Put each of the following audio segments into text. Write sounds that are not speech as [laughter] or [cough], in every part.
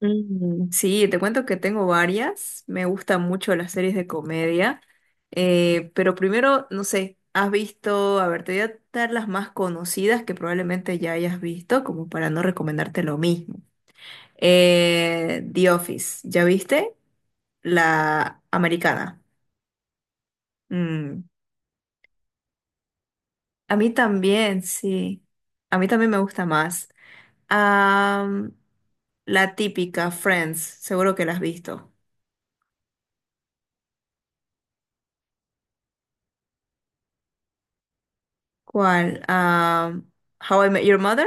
Mm, sí, te cuento que tengo varias. Me gustan mucho las series de comedia. Pero primero, no sé, has visto, a ver, te voy a dar las más conocidas que probablemente ya hayas visto, como para no recomendarte lo mismo. The Office, ¿ya viste? La americana. Mm, A mí también, sí. A mí también me gusta más. Am, la típica, Friends, seguro que la has visto. ¿Cuál? Ah, How I Met Your Mother.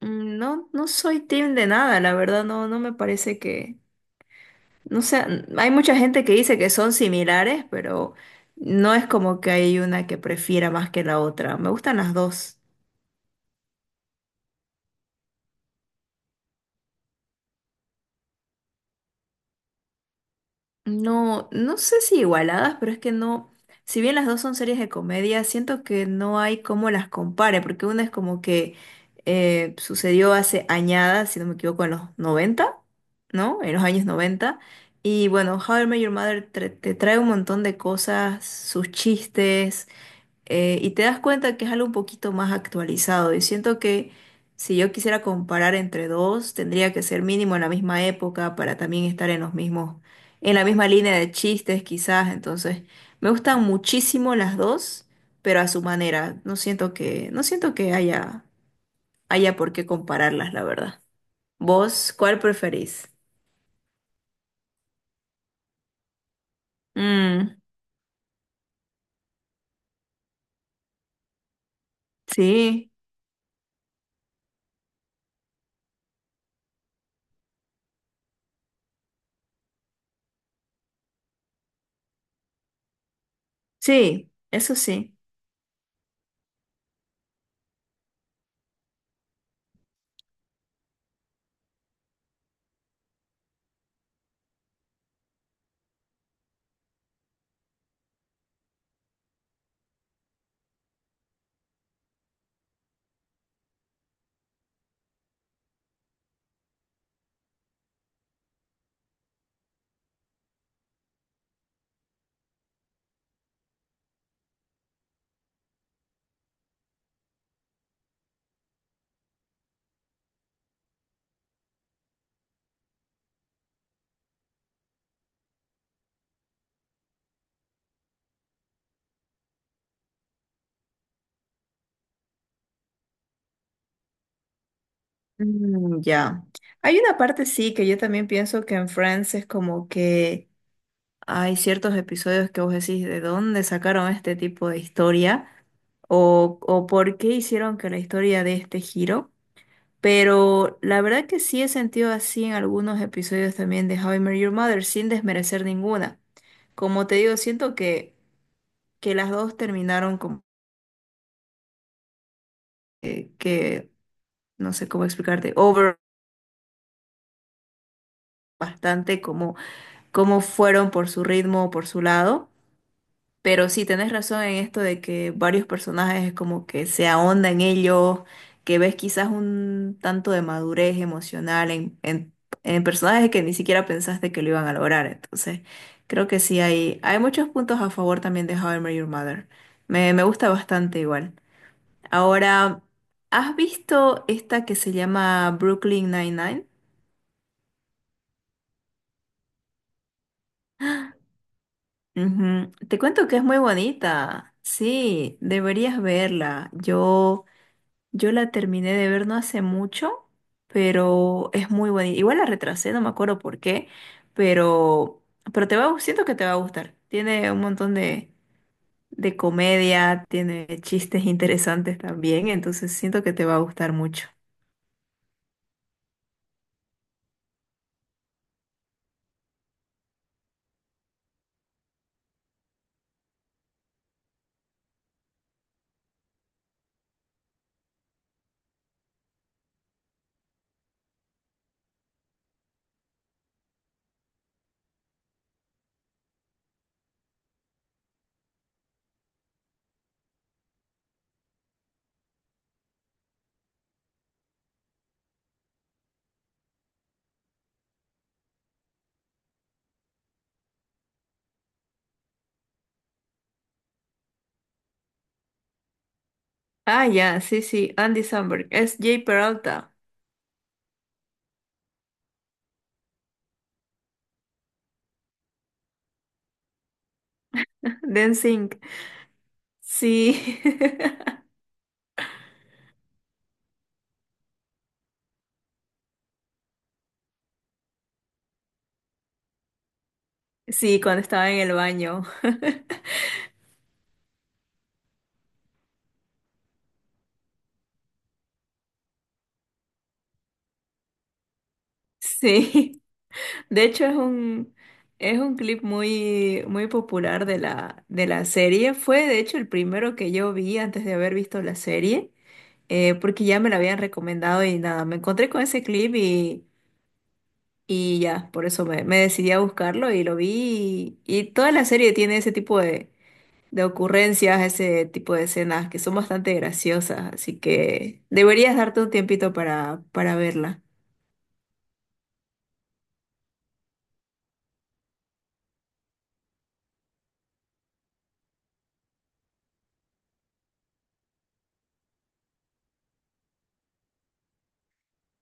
No, no soy team de nada, la verdad, no, no me parece que, no sé, hay mucha gente que dice que son similares, pero no es como que hay una que prefiera más que la otra. Me gustan las dos. No, no sé si igualadas, pero es que no, si bien las dos son series de comedia, siento que no hay cómo las compare, porque una es como que sucedió hace añadas, si no me equivoco, en los 90, ¿no? En los años 90. Y bueno, How I Met Your Mother te trae un montón de cosas, sus chistes, y te das cuenta que es algo un poquito más actualizado. Y siento que si yo quisiera comparar entre dos, tendría que ser mínimo en la misma época para también estar en los mismos, en la misma línea de chistes, quizás. Entonces, me gustan muchísimo las dos, pero a su manera. No siento que haya por qué compararlas, la verdad. ¿Vos cuál preferís? Mm, sí, sí, eso sí. Mm, ya. Hay una parte sí que yo también pienso que en Friends es como que hay ciertos episodios que vos decís de dónde sacaron este tipo de historia o por qué hicieron que la historia dé este giro. Pero la verdad que sí he sentido así en algunos episodios también de How I Met Your Mother sin desmerecer ninguna. Como te digo, siento que las dos terminaron como que, no sé cómo explicarte, over bastante cómo fueron por su ritmo o por su lado. Pero sí, tenés razón en esto de que varios personajes es como que se ahondan en ellos, que ves quizás un tanto de madurez emocional en personajes que ni siquiera pensaste que lo iban a lograr. Entonces, creo que sí hay muchos puntos a favor también de How I Met Your Mother. Me gusta bastante igual. Ahora, ¿has visto esta que se llama Brooklyn Nine-Nine? Ujú. Te cuento que es muy bonita. Sí, deberías verla. Yo la terminé de ver no hace mucho, pero, es muy bonita. Igual la retrasé, no me acuerdo por qué, pero, pero te va, a gu- siento que te va a gustar. Tiene un montón de comedia, tiene chistes interesantes también, entonces siento que te va a gustar mucho. Ah, ya, sí, sí, Andy Samberg, es Jay Peralta, [laughs] de NSYNC. Sí. [laughs] Sí, cuando estaba en el baño. Sí, [laughs] de hecho es un, clip muy, muy popular de la serie. Fue de hecho el primero que yo vi antes de haber visto la serie, porque ya me la habían recomendado y nada, me encontré con ese clip y ya, por eso me decidí a buscarlo y lo vi. Y toda la serie tiene ese tipo de ocurrencias, ese tipo de escenas que son bastante graciosas, así que deberías darte un tiempito para verla.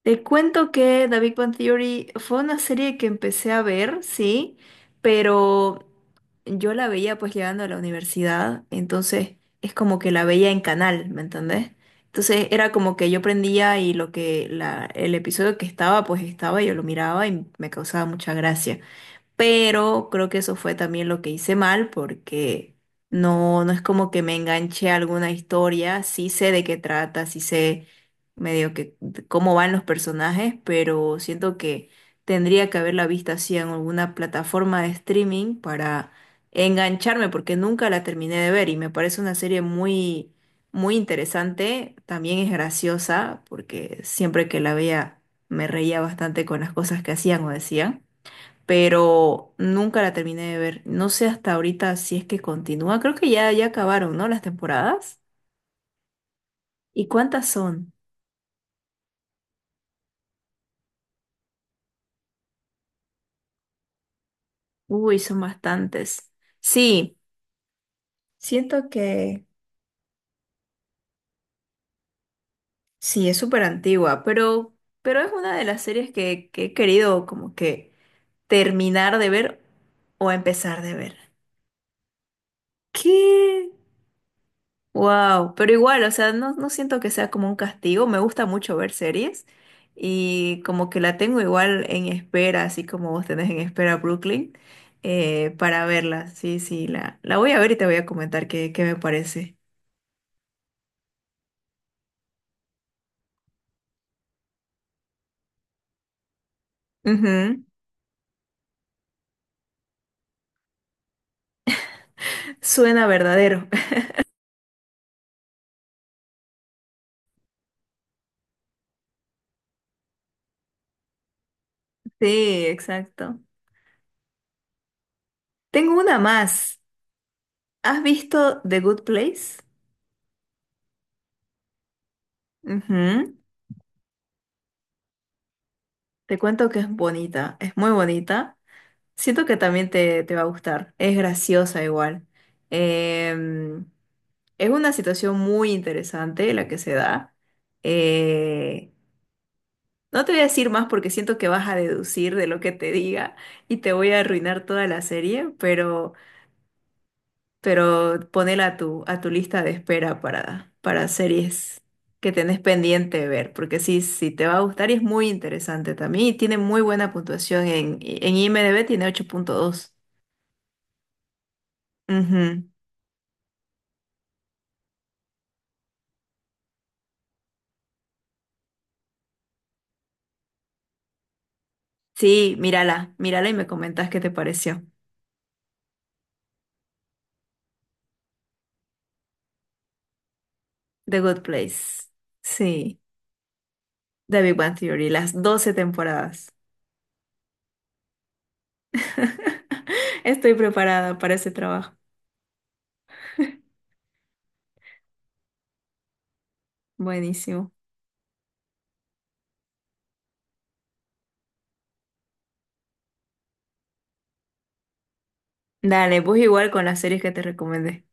Te cuento que The Big Bang Theory fue una serie que empecé a ver, sí, pero yo la veía pues llegando a la universidad, entonces es como que la veía en canal, ¿me entendés? Entonces era como que yo prendía y el episodio que estaba, pues estaba, yo lo miraba y me causaba mucha gracia, pero creo que eso fue también lo que hice mal porque no, no es como que me enganché a alguna historia, sí sé de qué trata, sí sé medio que de cómo van los personajes, pero siento que tendría que haberla visto así en alguna plataforma de streaming para engancharme porque nunca la terminé de ver y me parece una serie muy, muy interesante, también es graciosa porque siempre que la veía me reía bastante con las cosas que hacían o decían, pero nunca la terminé de ver. No sé hasta ahorita si es que continúa. Creo que ya, ya acabaron, ¿no? Las temporadas. ¿Y cuántas son? Uy, son bastantes. Sí, siento que sí, es súper antigua, pero es una de las series que he querido como que terminar de ver o empezar de ver. ¿Qué? Wow, pero igual, o sea, no, no siento que sea como un castigo, me gusta mucho ver series y como que la tengo igual en espera, así como vos tenés en espera Brooklyn, para verla. Sí, sí, la voy a ver y te voy a comentar qué me parece. Ujú, suena verdadero. [laughs] Sí, exacto. Tengo una más. ¿Has visto The Good Place? Ujú, te cuento que es bonita, es muy bonita. Siento que también te va a gustar. Es graciosa igual. Em, es una situación muy interesante la que se da. Eh, no te voy a decir más porque siento que vas a deducir de lo que te diga y te voy a arruinar toda la serie, pero ponela a tu, lista de espera para series que tenés pendiente de ver, porque sí, sí te va a gustar y es muy interesante también y tiene muy buena puntuación en IMDb, tiene 8,2. Ujú. Sí, mírala, mírala y me comentas qué te pareció. The Good Place. Sí, The Big Bang Theory, las 12 temporadas. [laughs] Estoy preparada para ese trabajo. Buenísimo. Dale, pues igual con las series que te recomendé.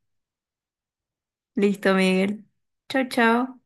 Listo, Miguel. Chao, chao.